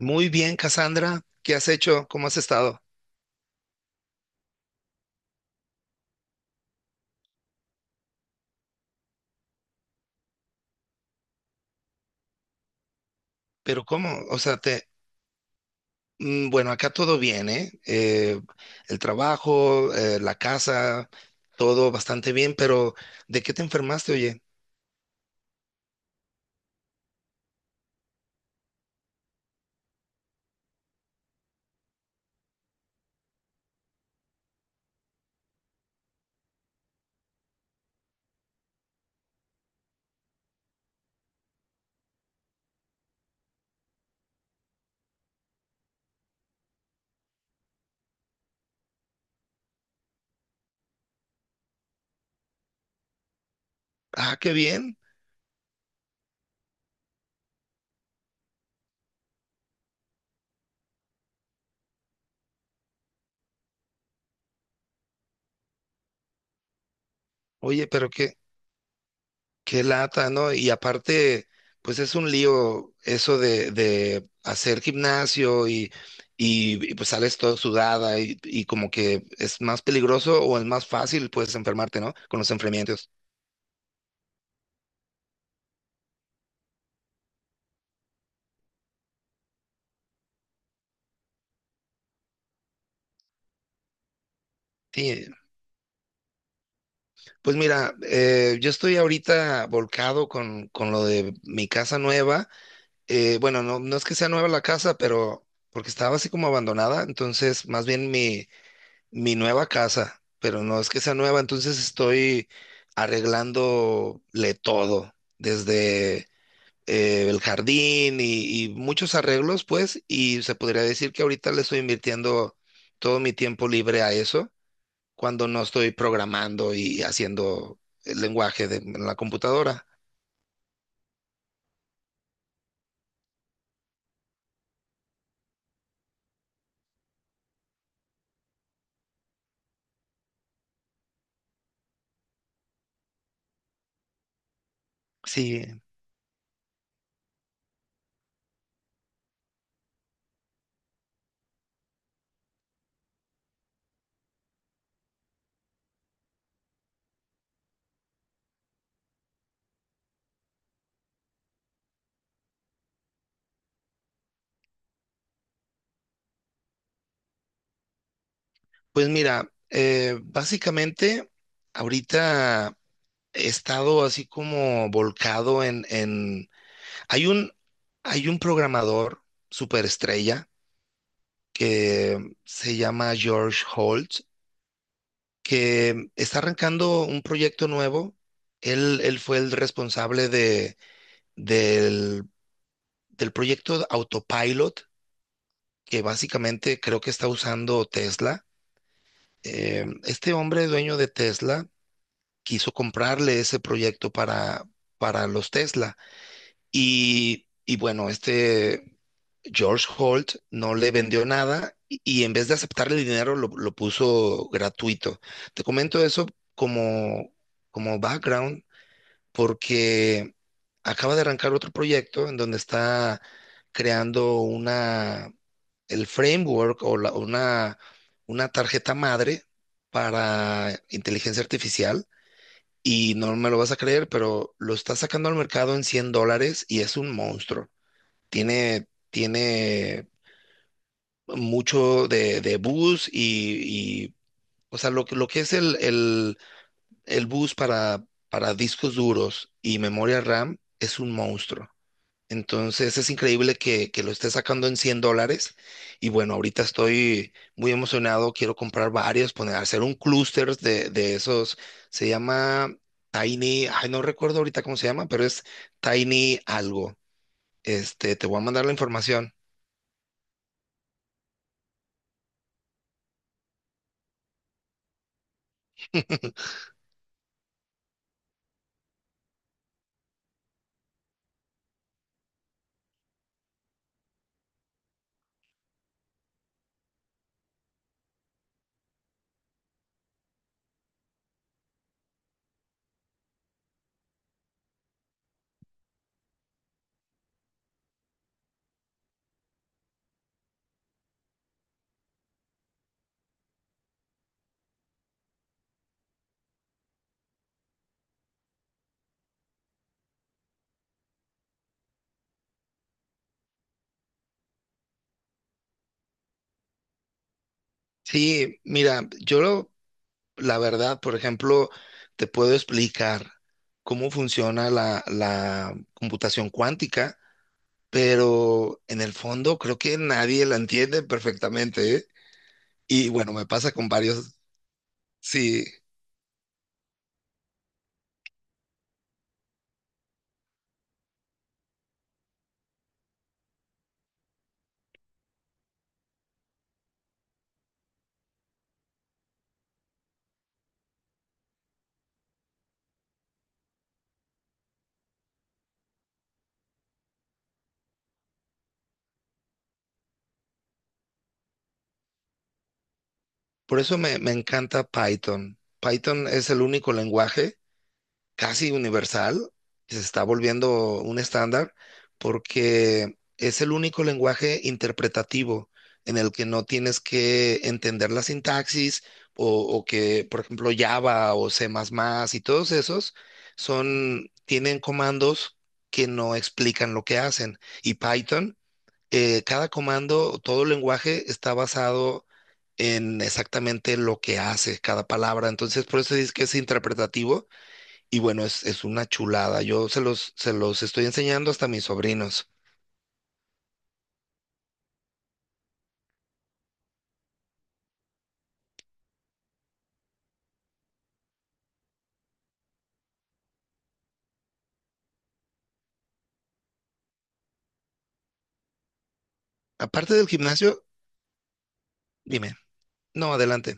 Muy bien, Cassandra. ¿Qué has hecho? ¿Cómo has estado? Pero ¿cómo? O sea, te. Bueno, acá todo bien, ¿eh? El trabajo, la casa, todo bastante bien, pero ¿de qué te enfermaste, oye? Ah, qué bien. Oye, pero qué, lata, ¿no? Y aparte, pues es un lío eso de hacer gimnasio y, pues sales todo sudada y como que es más peligroso o es más fácil, pues, enfermarte, ¿no? Con los enfriamientos. Sí, pues mira, yo estoy ahorita volcado con lo de mi casa nueva. Bueno, no, no es que sea nueva la casa, pero porque estaba así como abandonada, entonces más bien mi nueva casa, pero no es que sea nueva. Entonces estoy arreglándole todo, desde el jardín y muchos arreglos, pues, y se podría decir que ahorita le estoy invirtiendo todo mi tiempo libre a eso, cuando no estoy programando y haciendo el lenguaje de en la computadora. Sí, pues mira, básicamente ahorita he estado así como volcado en. Hay un, hay un programador superestrella que se llama George Holt, que está arrancando un proyecto nuevo. Él fue el responsable del, del proyecto Autopilot, que básicamente creo que está usando Tesla. Este hombre dueño de Tesla quiso comprarle ese proyecto para, los Tesla. Y bueno, este George Holt no le vendió nada, y en vez de aceptarle el dinero, lo puso gratuito. Te comento eso como, como background, porque acaba de arrancar otro proyecto en donde está creando una, el framework o una tarjeta madre para inteligencia artificial, y no me lo vas a creer, pero lo está sacando al mercado en $100 y es un monstruo. Tiene mucho de, bus, o sea, lo que es el, bus para discos duros y memoria RAM es un monstruo. Entonces es increíble que lo esté sacando en $100. Y bueno, ahorita estoy muy emocionado. Quiero comprar varios, poner, hacer un clúster de esos. Se llama Tiny, ay, no recuerdo ahorita cómo se llama, pero es Tiny algo. Este, te voy a mandar la información. Sí, mira, la verdad, por ejemplo, te puedo explicar cómo funciona la computación cuántica, pero en el fondo creo que nadie la entiende perfectamente, ¿eh? Y bueno, me pasa con varios, sí, por eso me encanta Python. Python es el único lenguaje casi universal, que se está volviendo un estándar, porque es el único lenguaje interpretativo en el que no tienes que entender la sintaxis, o, o, que, por ejemplo, Java o C++ y todos esos son, tienen comandos que no explican lo que hacen. Y Python, cada comando, todo lenguaje está basado en exactamente lo que hace cada palabra. Entonces, por eso dices que es interpretativo. Y bueno, es, una chulada. Yo se los estoy enseñando hasta a mis sobrinos. Aparte del gimnasio, dime. No, adelante.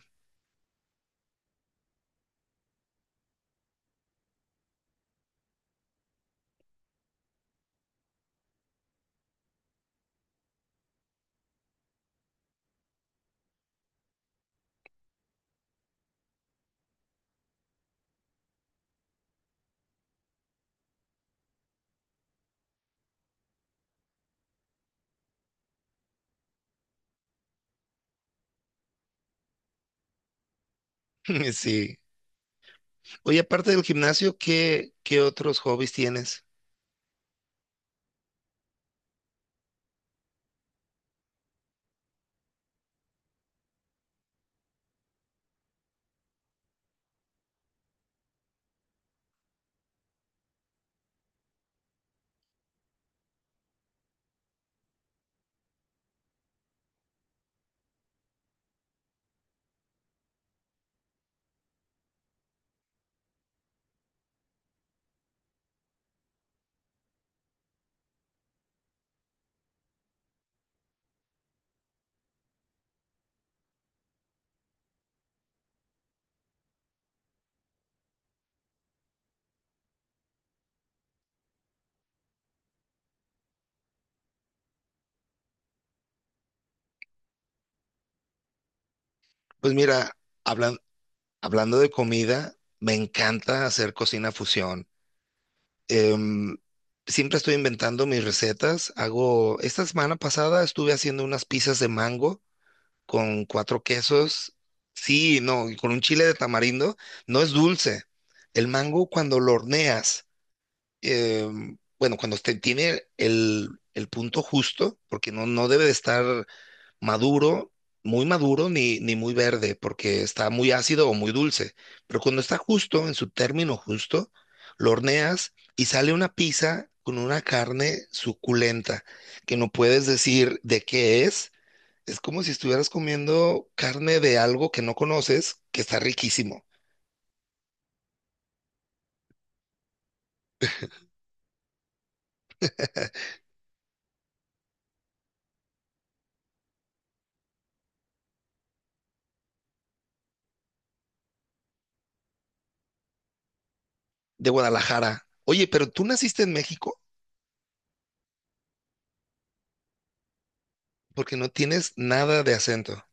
Sí. Oye, aparte del gimnasio, ¿qué otros hobbies tienes? Pues mira, hablan- hablando de comida, me encanta hacer cocina fusión. Em, siempre estoy inventando mis recetas. Hago, esta semana pasada estuve haciendo unas pizzas de mango con cuatro quesos. Sí, no, y con un chile de tamarindo. No es dulce. El mango cuando lo horneas, eh, bueno, cuando tiene el, punto justo, porque no, no debe de estar maduro, muy maduro, ni muy verde, porque está muy ácido o muy dulce. Pero cuando está justo, en su término justo, lo horneas y sale una pizza con una carne suculenta, que no puedes decir de qué es. Es como si estuvieras comiendo carne de algo que no conoces, que está riquísimo. De Guadalajara. Oye, pero tú naciste en México porque no tienes nada de acento.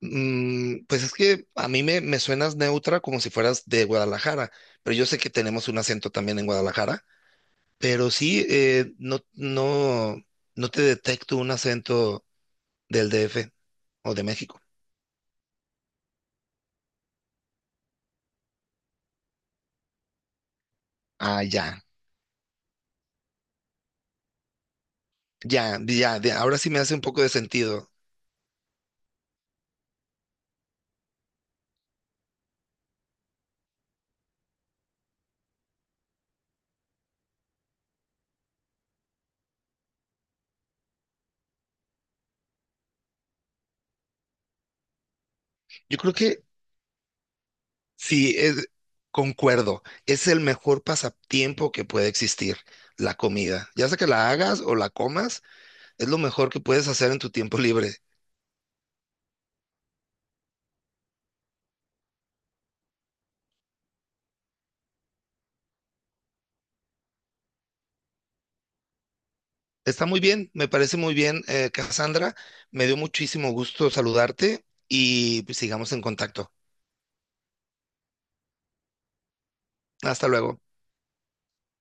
Pues es que a mí me suenas neutra como si fueras de Guadalajara, pero yo sé que tenemos un acento también en Guadalajara, pero sí, no, no, no te detecto un acento del DF o de México. Ah, ya, ya, ya, ahora sí me hace un poco de sentido. Yo creo que sí, concuerdo. Es el mejor pasatiempo que puede existir, la comida. Ya sea que la hagas o la comas, es lo mejor que puedes hacer en tu tiempo libre. Está muy bien, me parece muy bien, Cassandra. Me dio muchísimo gusto saludarte y pues, sigamos en contacto. Hasta luego.